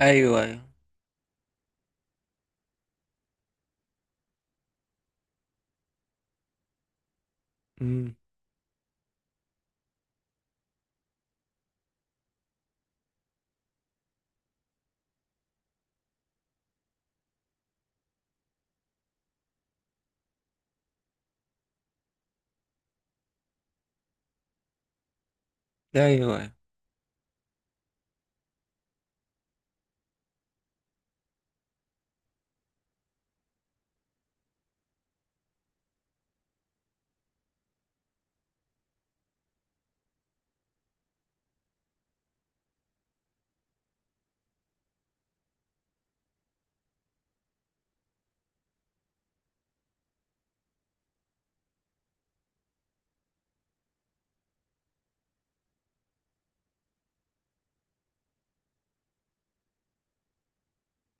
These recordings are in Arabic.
ايوه، ايوه. امم ايوه، ايوه.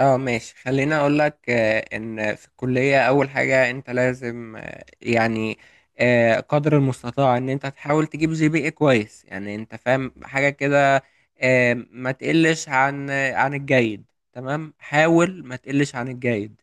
اه، ماشي، خليني اقول لك، ان في الكليه اول حاجه انت لازم، يعني قدر المستطاع ان انت تحاول تجيب GPA كويس، يعني انت فاهم حاجه كده. ما تقلش عن، عن الجيد. تمام، حاول ما تقلش عن الجيد.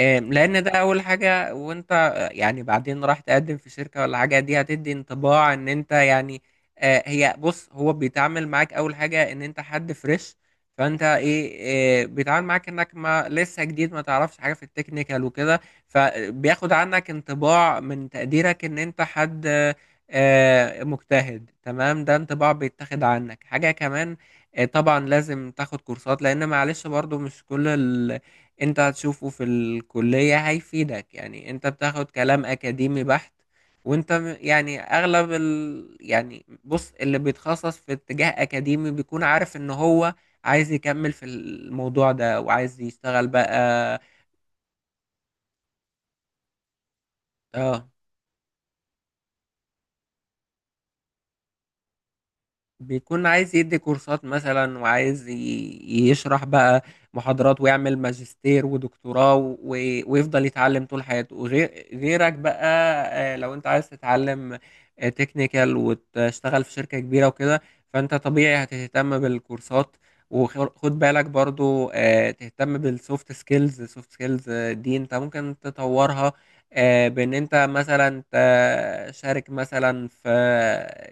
لان ده اول حاجه، وانت يعني بعدين راح تقدم في شركه ولا حاجه، دي هتدي انطباع ان انت، يعني هي، بص، هو بيتعامل معاك اول حاجه ان انت حد فريش. فانت ايه، بيتعامل معاك انك ما لسه جديد، ما تعرفش حاجه في التكنيكال وكده. فبياخد عنك انطباع من تقديرك ان انت حد مجتهد. تمام، ده انطباع بيتاخد عنك. حاجه كمان، طبعا لازم تاخد كورسات، لان معلش برضو مش كل انت هتشوفه في الكلية هيفيدك. يعني انت بتاخد كلام اكاديمي بحت، وانت يعني اغلب يعني بص، اللي بيتخصص في اتجاه اكاديمي بيكون عارف ان هو عايز يكمل في الموضوع ده وعايز يشتغل بقى. اه، بيكون عايز يدي كورسات مثلا، وعايز يشرح بقى محاضرات، ويعمل ماجستير ودكتوراه، ويفضل يتعلم طول حياته وغير غيرك بقى. لو انت عايز تتعلم تكنيكال وتشتغل في شركة كبيرة وكده، فانت طبيعي هتهتم بالكورسات. وخد بالك برضو، تهتم بالسوفت سكيلز. السوفت سكيلز دي انت ممكن تطورها بان انت مثلا تشارك مثلا في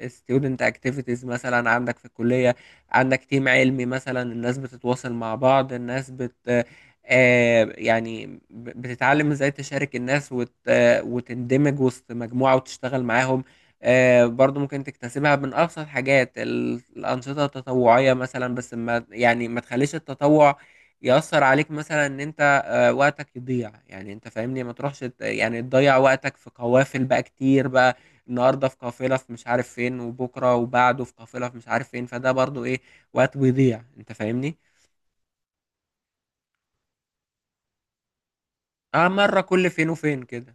student activities مثلا عندك في الكلية. عندك تيم علمي مثلا، الناس بتتواصل مع بعض، الناس بت آه، يعني بتتعلم ازاي تشارك الناس، وت آه، وتندمج وسط مجموعة وتشتغل معاهم. برضو ممكن تكتسبها من أبسط حاجات، الأنشطة التطوعية مثلا. بس ما يعني ما تخليش التطوع يأثر عليك، مثلا إن أنت وقتك يضيع. يعني انت فاهمني، ما تروحش يعني تضيع وقتك في قوافل بقى كتير بقى. النهارده في قافله في مش عارف فين، وبكره وبعده في قافله في مش عارف فين. فده برضو ايه، وقت بيضيع، انت فاهمني. اه، مره كل فين وفين كده.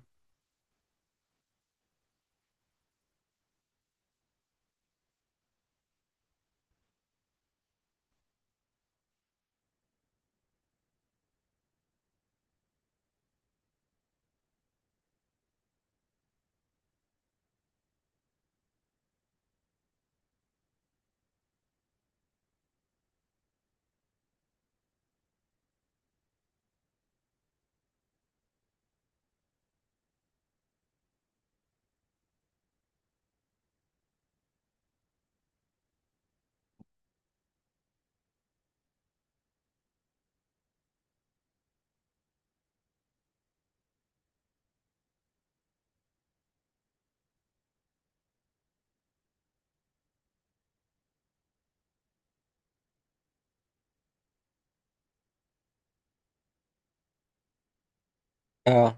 اه،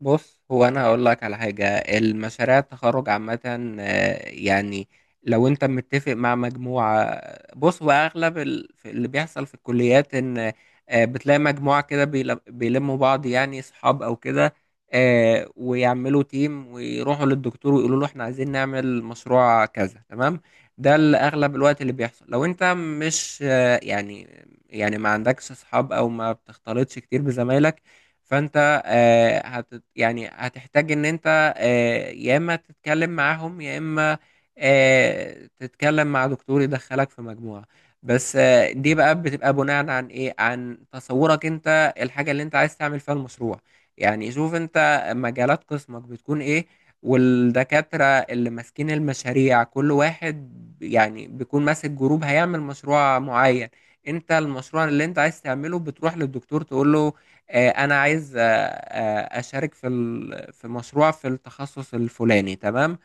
بص، هو انا هقول لك على حاجه. المشاريع التخرج عامه، يعني لو انت متفق مع مجموعه. بص، هو اغلب في اللي بيحصل في الكليات ان بتلاقي مجموعه كده بيلموا بعض، يعني اصحاب او كده، ويعملوا تيم، ويروحوا للدكتور ويقولوا له احنا عايزين نعمل مشروع كذا، تمام. ده اللي اغلب الوقت اللي بيحصل. لو انت مش يعني ما عندكش اصحاب، او ما بتختلطش كتير بزمايلك، فانت يعني هتحتاج ان انت يا اما تتكلم معاهم، يا اما تتكلم مع دكتور يدخلك في مجموعة. بس دي بقى بتبقى بناء عن، ايه، عن تصورك انت، الحاجة اللي انت عايز تعمل فيها المشروع. يعني شوف انت مجالات قسمك بتكون ايه، والدكاترة اللي ماسكين المشاريع كل واحد يعني بيكون ماسك جروب هيعمل مشروع معين. انت المشروع اللي انت عايز تعمله بتروح للدكتور تقول له، انا عايز اشارك في في مشروع في التخصص الفلاني، تمام.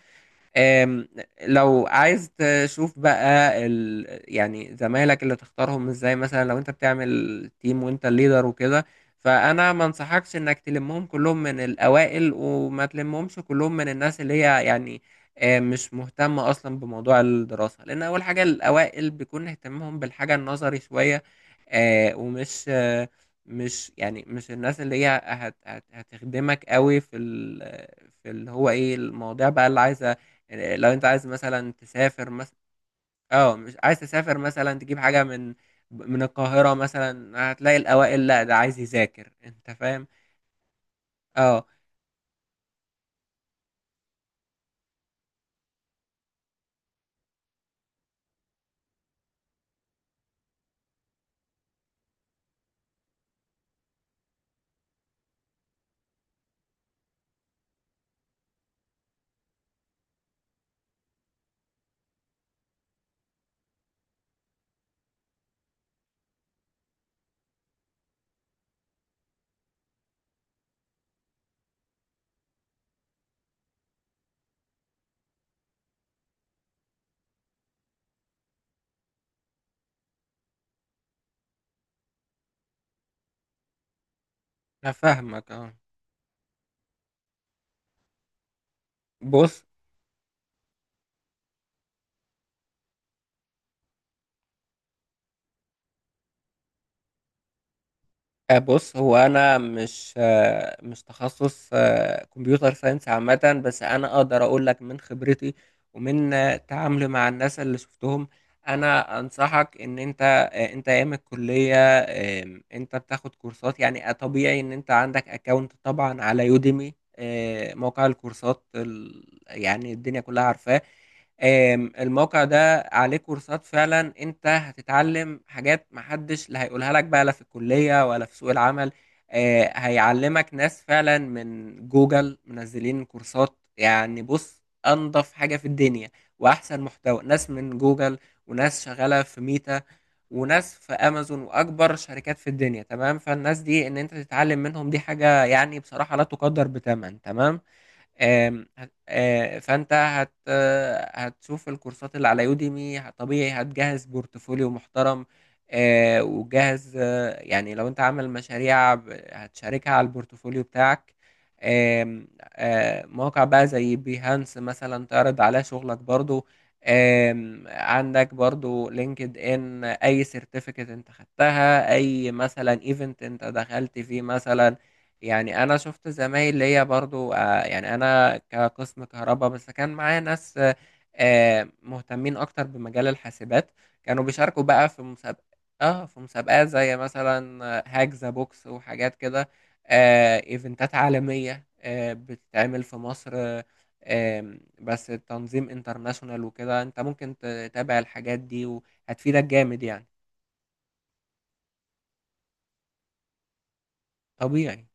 آم، لو عايز تشوف بقى يعني زمايلك اللي تختارهم ازاي، مثلا لو انت بتعمل تيم وانت الليدر وكده، فانا ما انصحكش انك تلمهم كلهم من الاوائل، وما تلمهمش كلهم من الناس اللي هي يعني مش مهتمة اصلا بموضوع الدراسة. لان اول حاجة، الاوائل بيكون اهتمامهم بالحاجة النظري شوية، آه، ومش آه، مش يعني مش الناس اللي هي هتخدمك قوي في في اللي هو ايه، المواضيع بقى اللي عايزة. يعني لو انت عايز مثلا تسافر مثلا، اه مش عايز تسافر مثلا تجيب حاجة من القاهرة مثلا، هتلاقي الأوائل، لا ده عايز يذاكر، انت فاهم. اه، انا فاهمك. اه، بص، بص، هو انا مش، مش تخصص كمبيوتر ساينس عامه، بس انا اقدر اقول لك من خبرتي ومن تعاملي مع الناس اللي شفتهم. انا انصحك ان انت، انت ايام الكليه. انت بتاخد كورسات، يعني طبيعي ان انت عندك اكونت طبعا على يوديمي، موقع الكورسات يعني الدنيا كلها عارفاه. الموقع ده عليه كورسات فعلا. انت هتتعلم حاجات محدش لا هيقولها لك بقى، لا في الكلية ولا في سوق العمل. هيعلمك ناس فعلا من جوجل منزلين كورسات. يعني بص، انضف حاجة في الدنيا واحسن محتوى، ناس من جوجل، وناس شغالة في ميتا، وناس في امازون، واكبر شركات في الدنيا. تمام، فالناس دي ان انت تتعلم منهم دي حاجة يعني بصراحة لا تقدر بثمن. تمام، فانت هتشوف الكورسات اللي على يوديمي. طبيعي هتجهز بورتفوليو محترم. وتجهز يعني لو انت عامل مشاريع هتشاركها على البورتفوليو بتاعك. آم، آه، مواقع بقى زي بيهانس مثلا، تعرض عليها شغلك برضو. عندك برضو لينكد ان، اي سيرتيفيكت انت خدتها، اي مثلا ايفنت انت دخلت فيه مثلا. يعني انا شفت زمايل ليا برضو، يعني انا كقسم كهرباء، بس كان معايا ناس مهتمين اكتر بمجال الحاسبات، كانوا بيشاركوا بقى في مسابقة. اه، في مسابقات زي مثلا هاك ذا بوكس وحاجات كده. ايفنتات عالمية بتتعمل في مصر، آه، آم، بس تنظيم انترناشونال وكده، انت ممكن تتابع الحاجات دي وهتفيدك جامد يعني. طبيعي.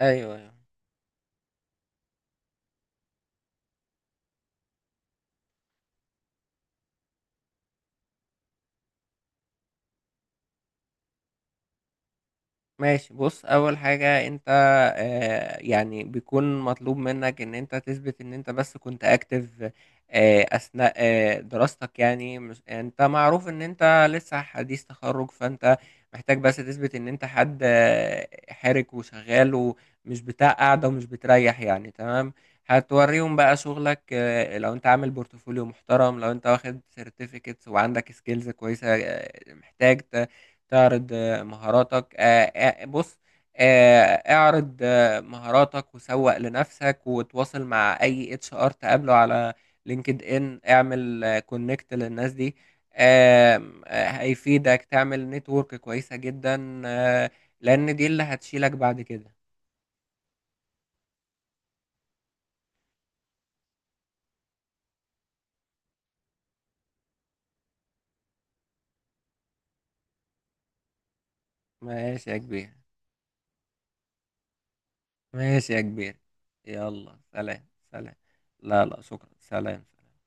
ايوه، أيوة. ماشي، بص، اول حاجة انت يعني بيكون مطلوب منك ان انت تثبت ان انت بس كنت اكتف اثناء دراستك. يعني مش انت معروف ان انت لسه حديث تخرج، فانت محتاج بس تثبت ان انت حد حرك وشغال ومش بتاع قاعدة ومش بتريح يعني. تمام، هتوريهم بقى شغلك. لو انت عامل بورتفوليو محترم، لو انت واخد سيرتيفيكتس وعندك سكيلز كويسة، محتاج تعرض مهاراتك. بص، اعرض مهاراتك وسوق لنفسك، وتواصل مع HR تقابله على لينكد ان. اعمل كونكت للناس دي. آم، آه، هيفيدك تعمل نتورك كويسة جدا، لان دي اللي هتشيلك بعد كده. ماشي يا كبير. ماشي يا كبير، يلا سلام. سلام. لا، لا، شكرا، سلام. سلام.